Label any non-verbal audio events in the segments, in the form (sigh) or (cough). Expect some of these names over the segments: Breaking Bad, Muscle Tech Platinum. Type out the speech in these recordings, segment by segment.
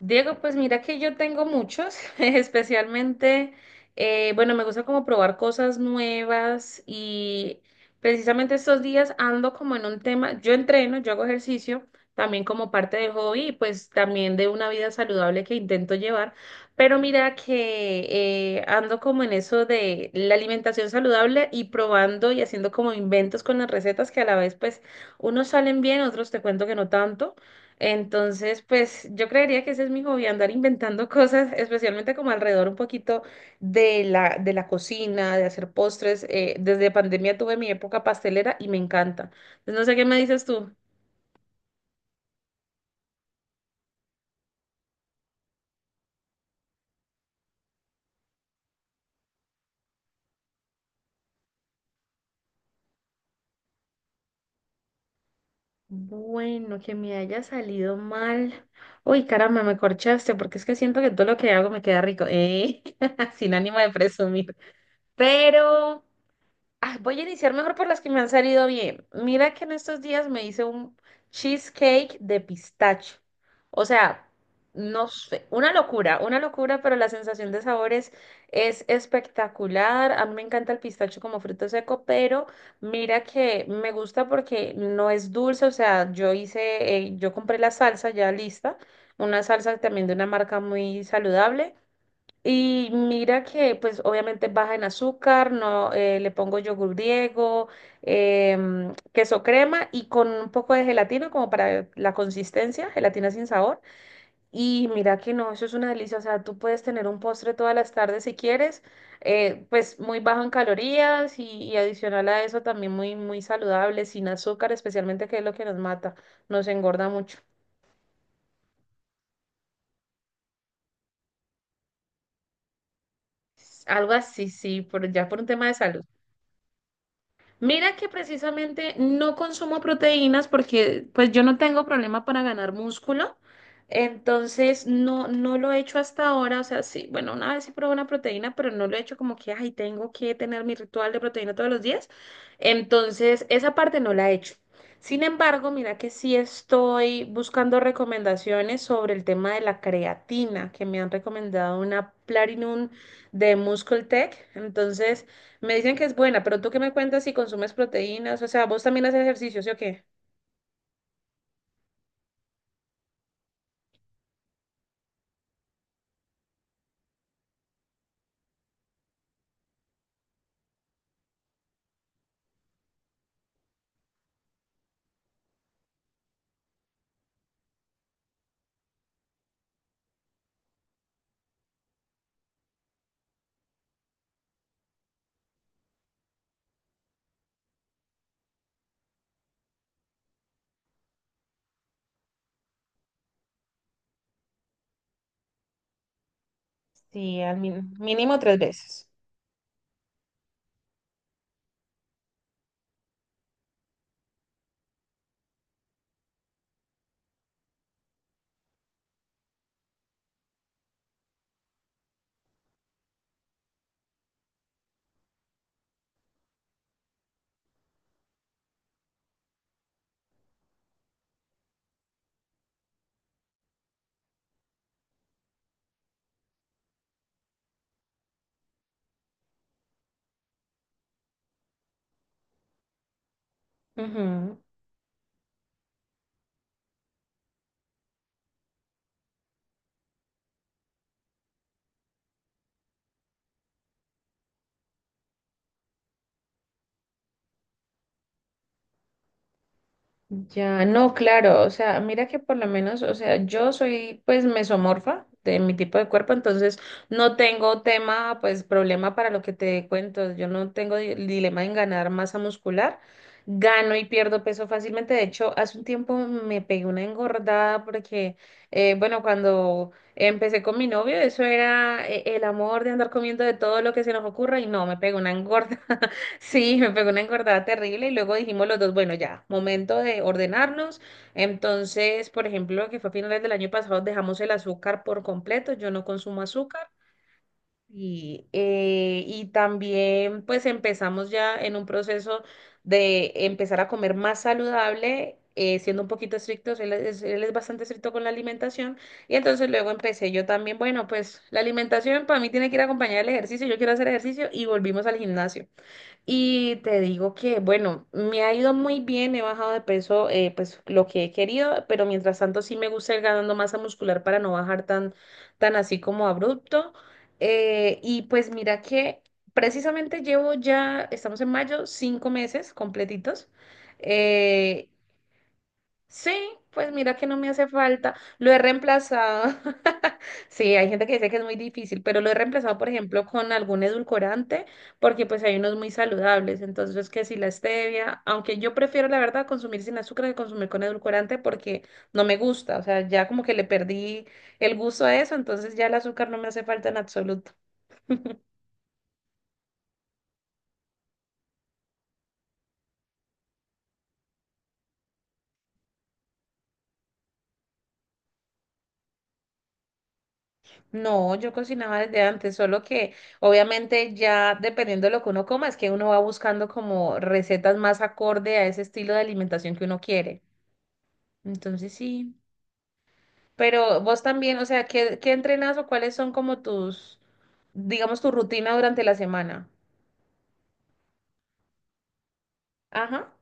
Diego, pues mira que yo tengo muchos, (laughs) especialmente, bueno, me gusta como probar cosas nuevas y precisamente estos días ando como en un tema, yo entreno, yo hago ejercicio, también como parte del hobby y pues también de una vida saludable que intento llevar, pero mira que ando como en eso de la alimentación saludable y probando y haciendo como inventos con las recetas que a la vez pues unos salen bien, otros te cuento que no tanto. Entonces, pues yo creería que ese es mi hobby, andar inventando (laughs) cosas, especialmente como alrededor un poquito de la cocina, de hacer postres. Desde pandemia tuve mi época pastelera y me encanta. Entonces, no sé qué me dices tú. Bueno, que me haya salido mal. Uy, caramba, me corchaste, porque es que siento que todo lo que hago me queda rico, ¿eh? (laughs) Sin ánimo de presumir. Pero... Ah, voy a iniciar mejor por las que me han salido bien. Mira que en estos días me hice un cheesecake de pistacho. O sea, no sé, una locura, pero la sensación de sabores es espectacular. A mí me encanta el pistacho como fruto seco, pero mira que me gusta porque no es dulce. O sea, yo hice, yo compré la salsa ya lista, una salsa también de una marca muy saludable. Y mira que, pues, obviamente baja en azúcar, no, le pongo yogur griego, queso crema y con un poco de gelatina como para la consistencia, gelatina sin sabor. Y mira que no, eso es una delicia. O sea, tú puedes tener un postre todas las tardes si quieres, pues muy bajo en calorías y adicional a eso también muy, muy saludable, sin azúcar, especialmente que es lo que nos mata, nos engorda mucho. Algo así, sí, por, ya por un tema de salud. Mira que precisamente no consumo proteínas porque pues yo no tengo problema para ganar músculo, entonces no, no lo he hecho hasta ahora, o sea, sí, bueno, una vez sí probé una proteína, pero no lo he hecho como que, ay, tengo que tener mi ritual de proteína todos los días, entonces esa parte no la he hecho. Sin embargo, mira que sí estoy buscando recomendaciones sobre el tema de la creatina, que me han recomendado una Platinum de Muscle Tech, entonces... Me dicen que es buena, pero tú qué me cuentas si consumes proteínas, o sea, vos también haces ejercicio, ¿sí o qué? Sí, al mínimo 3 veces. Ujú. Ya, no, claro, o sea, mira que por lo menos, o sea, yo soy pues mesomorfa de mi tipo de cuerpo, entonces no tengo tema, pues problema para lo que te cuento, yo no tengo dilema en ganar masa muscular, gano y pierdo peso fácilmente, de hecho, hace un tiempo me pegué una engordada porque, bueno, cuando empecé con mi novio, eso era el amor de andar comiendo de todo lo que se nos ocurra y no, me pegué una engorda. Sí, me pegó una engordada terrible y luego dijimos los dos, bueno, ya, momento de ordenarnos. Entonces, por ejemplo, que fue a finales del año pasado, dejamos el azúcar por completo, yo no consumo azúcar. Y también pues empezamos ya en un proceso de empezar a comer más saludable, siendo un poquito estrictos, él es bastante estricto con la alimentación. Y entonces luego empecé yo también, bueno, pues la alimentación para mí tiene que ir acompañada del ejercicio, yo quiero hacer ejercicio y volvimos al gimnasio. Y te digo que, bueno, me ha ido muy bien, he bajado de peso, pues lo que he querido, pero mientras tanto sí me gusta ir ganando masa muscular para no bajar tan así como abrupto. Y pues mira que precisamente llevo ya, estamos en mayo, 5 meses completitos. eh, Sí, pues mira que no me hace falta. Lo he reemplazado. (laughs) Sí, hay gente que dice que es muy difícil, pero lo he reemplazado, por ejemplo, con algún edulcorante, porque pues hay unos muy saludables. Entonces, que si la stevia, aunque yo prefiero, la verdad, consumir sin azúcar que consumir con edulcorante porque no me gusta. O sea, ya como que le perdí el gusto a eso, entonces ya el azúcar no me hace falta en absoluto. No, yo cocinaba desde antes, solo que obviamente ya dependiendo de lo que uno coma, es que uno va buscando como recetas más acorde a ese estilo de alimentación que uno quiere. Entonces sí. Pero vos también, o sea, ¿qué, qué entrenas o cuáles son como tus, digamos, tu rutina durante la semana? Ajá.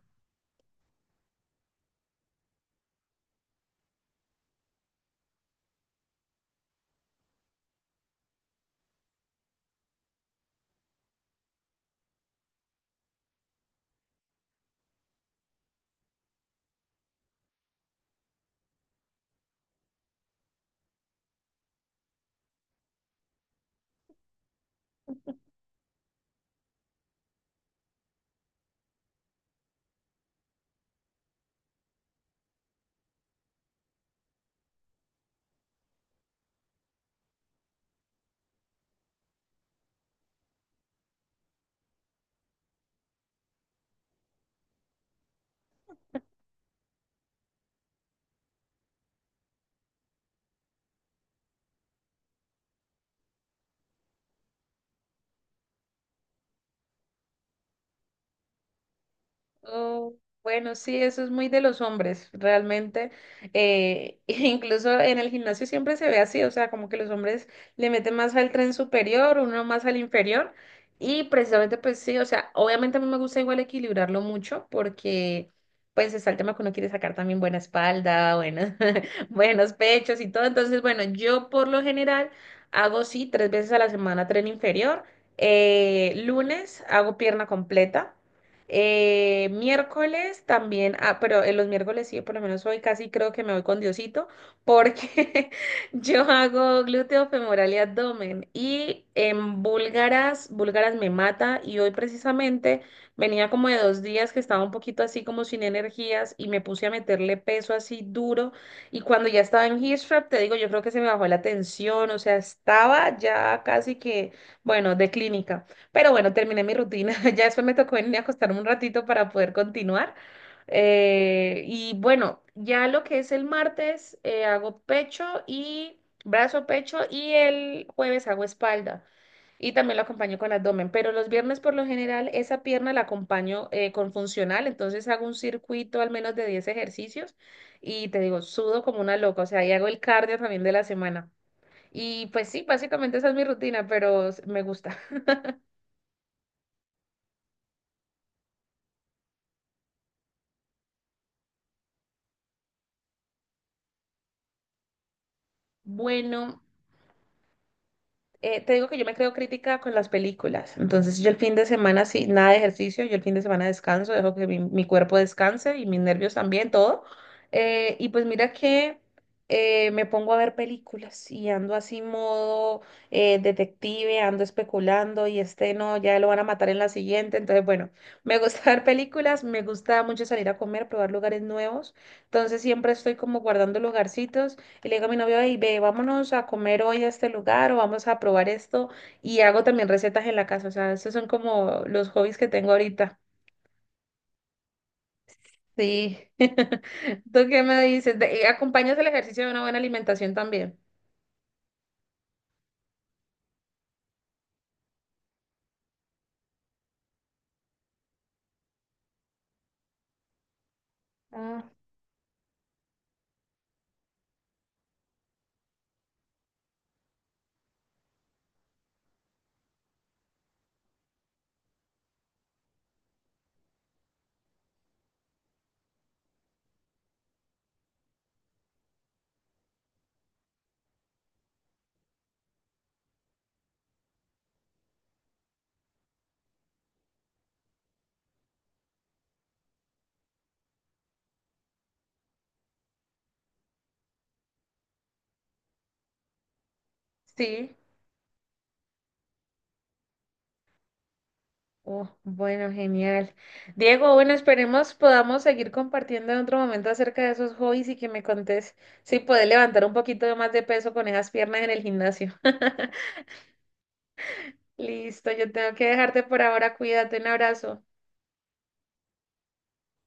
Oh, bueno, sí, eso es muy de los hombres, realmente. (laughs) Incluso en el gimnasio siempre se ve así, o sea, como que los hombres le meten más al tren superior, uno más al inferior. Y precisamente, pues sí, o sea, obviamente a mí me gusta igual equilibrarlo mucho porque, pues, está el tema que uno quiere sacar también buena espalda, buenos, (laughs) buenos pechos y todo. Entonces, bueno, yo por lo general hago, sí, 3 veces a la semana tren inferior. Lunes hago pierna completa. Miércoles también, ah, pero en los miércoles sí, por lo menos hoy casi creo que me voy con Diosito, porque (laughs) yo hago glúteo femoral y abdomen. Y en búlgaras me mata. Y hoy precisamente venía como de 2 días que estaba un poquito así como sin energías y me puse a meterle peso así duro. Y cuando ya estaba en hip thrust, te digo, yo creo que se me bajó la tensión, o sea, estaba ya casi que, bueno, de clínica. Pero bueno, terminé mi rutina. (laughs) Ya después me tocó venir a acostarme un ratito para poder continuar. Y bueno, ya lo que es el martes, hago pecho y brazo, pecho y el jueves hago espalda. Y también lo acompaño con abdomen. Pero los viernes por lo general esa pierna la acompaño con funcional. Entonces hago un circuito al menos de 10 ejercicios y te digo, sudo como una loca. O sea, y hago el cardio también de la semana. Y pues sí, básicamente esa es mi rutina, pero me gusta. (laughs) Bueno. Te digo que yo me creo crítica con las películas. Entonces, yo el fin de semana, sí, nada de ejercicio, yo el fin de semana descanso, dejo que mi cuerpo descanse y mis nervios también, todo. Y pues mira que me pongo a ver películas y ando así modo detective, ando especulando y este no, ya lo van a matar en la siguiente. Entonces, bueno, me gusta (laughs) ver películas, me gusta mucho salir a comer, probar lugares nuevos. Entonces, siempre estoy como guardando lugarcitos. Y le digo a mi novio, hey, ve, vámonos a comer hoy a este lugar o vamos a probar esto. Y hago también recetas en la casa. O sea, esos son como los hobbies que tengo ahorita. Sí. (laughs) ¿Tú qué me dices? ¿Acompañas el ejercicio de una buena alimentación también? Ah, sí. Oh, bueno, genial. Diego, bueno, esperemos podamos seguir compartiendo en otro momento acerca de esos hobbies y que me contés si puedes levantar un poquito de más de peso con esas piernas en el gimnasio. (laughs) Listo, yo tengo que dejarte por ahora. Cuídate, un abrazo.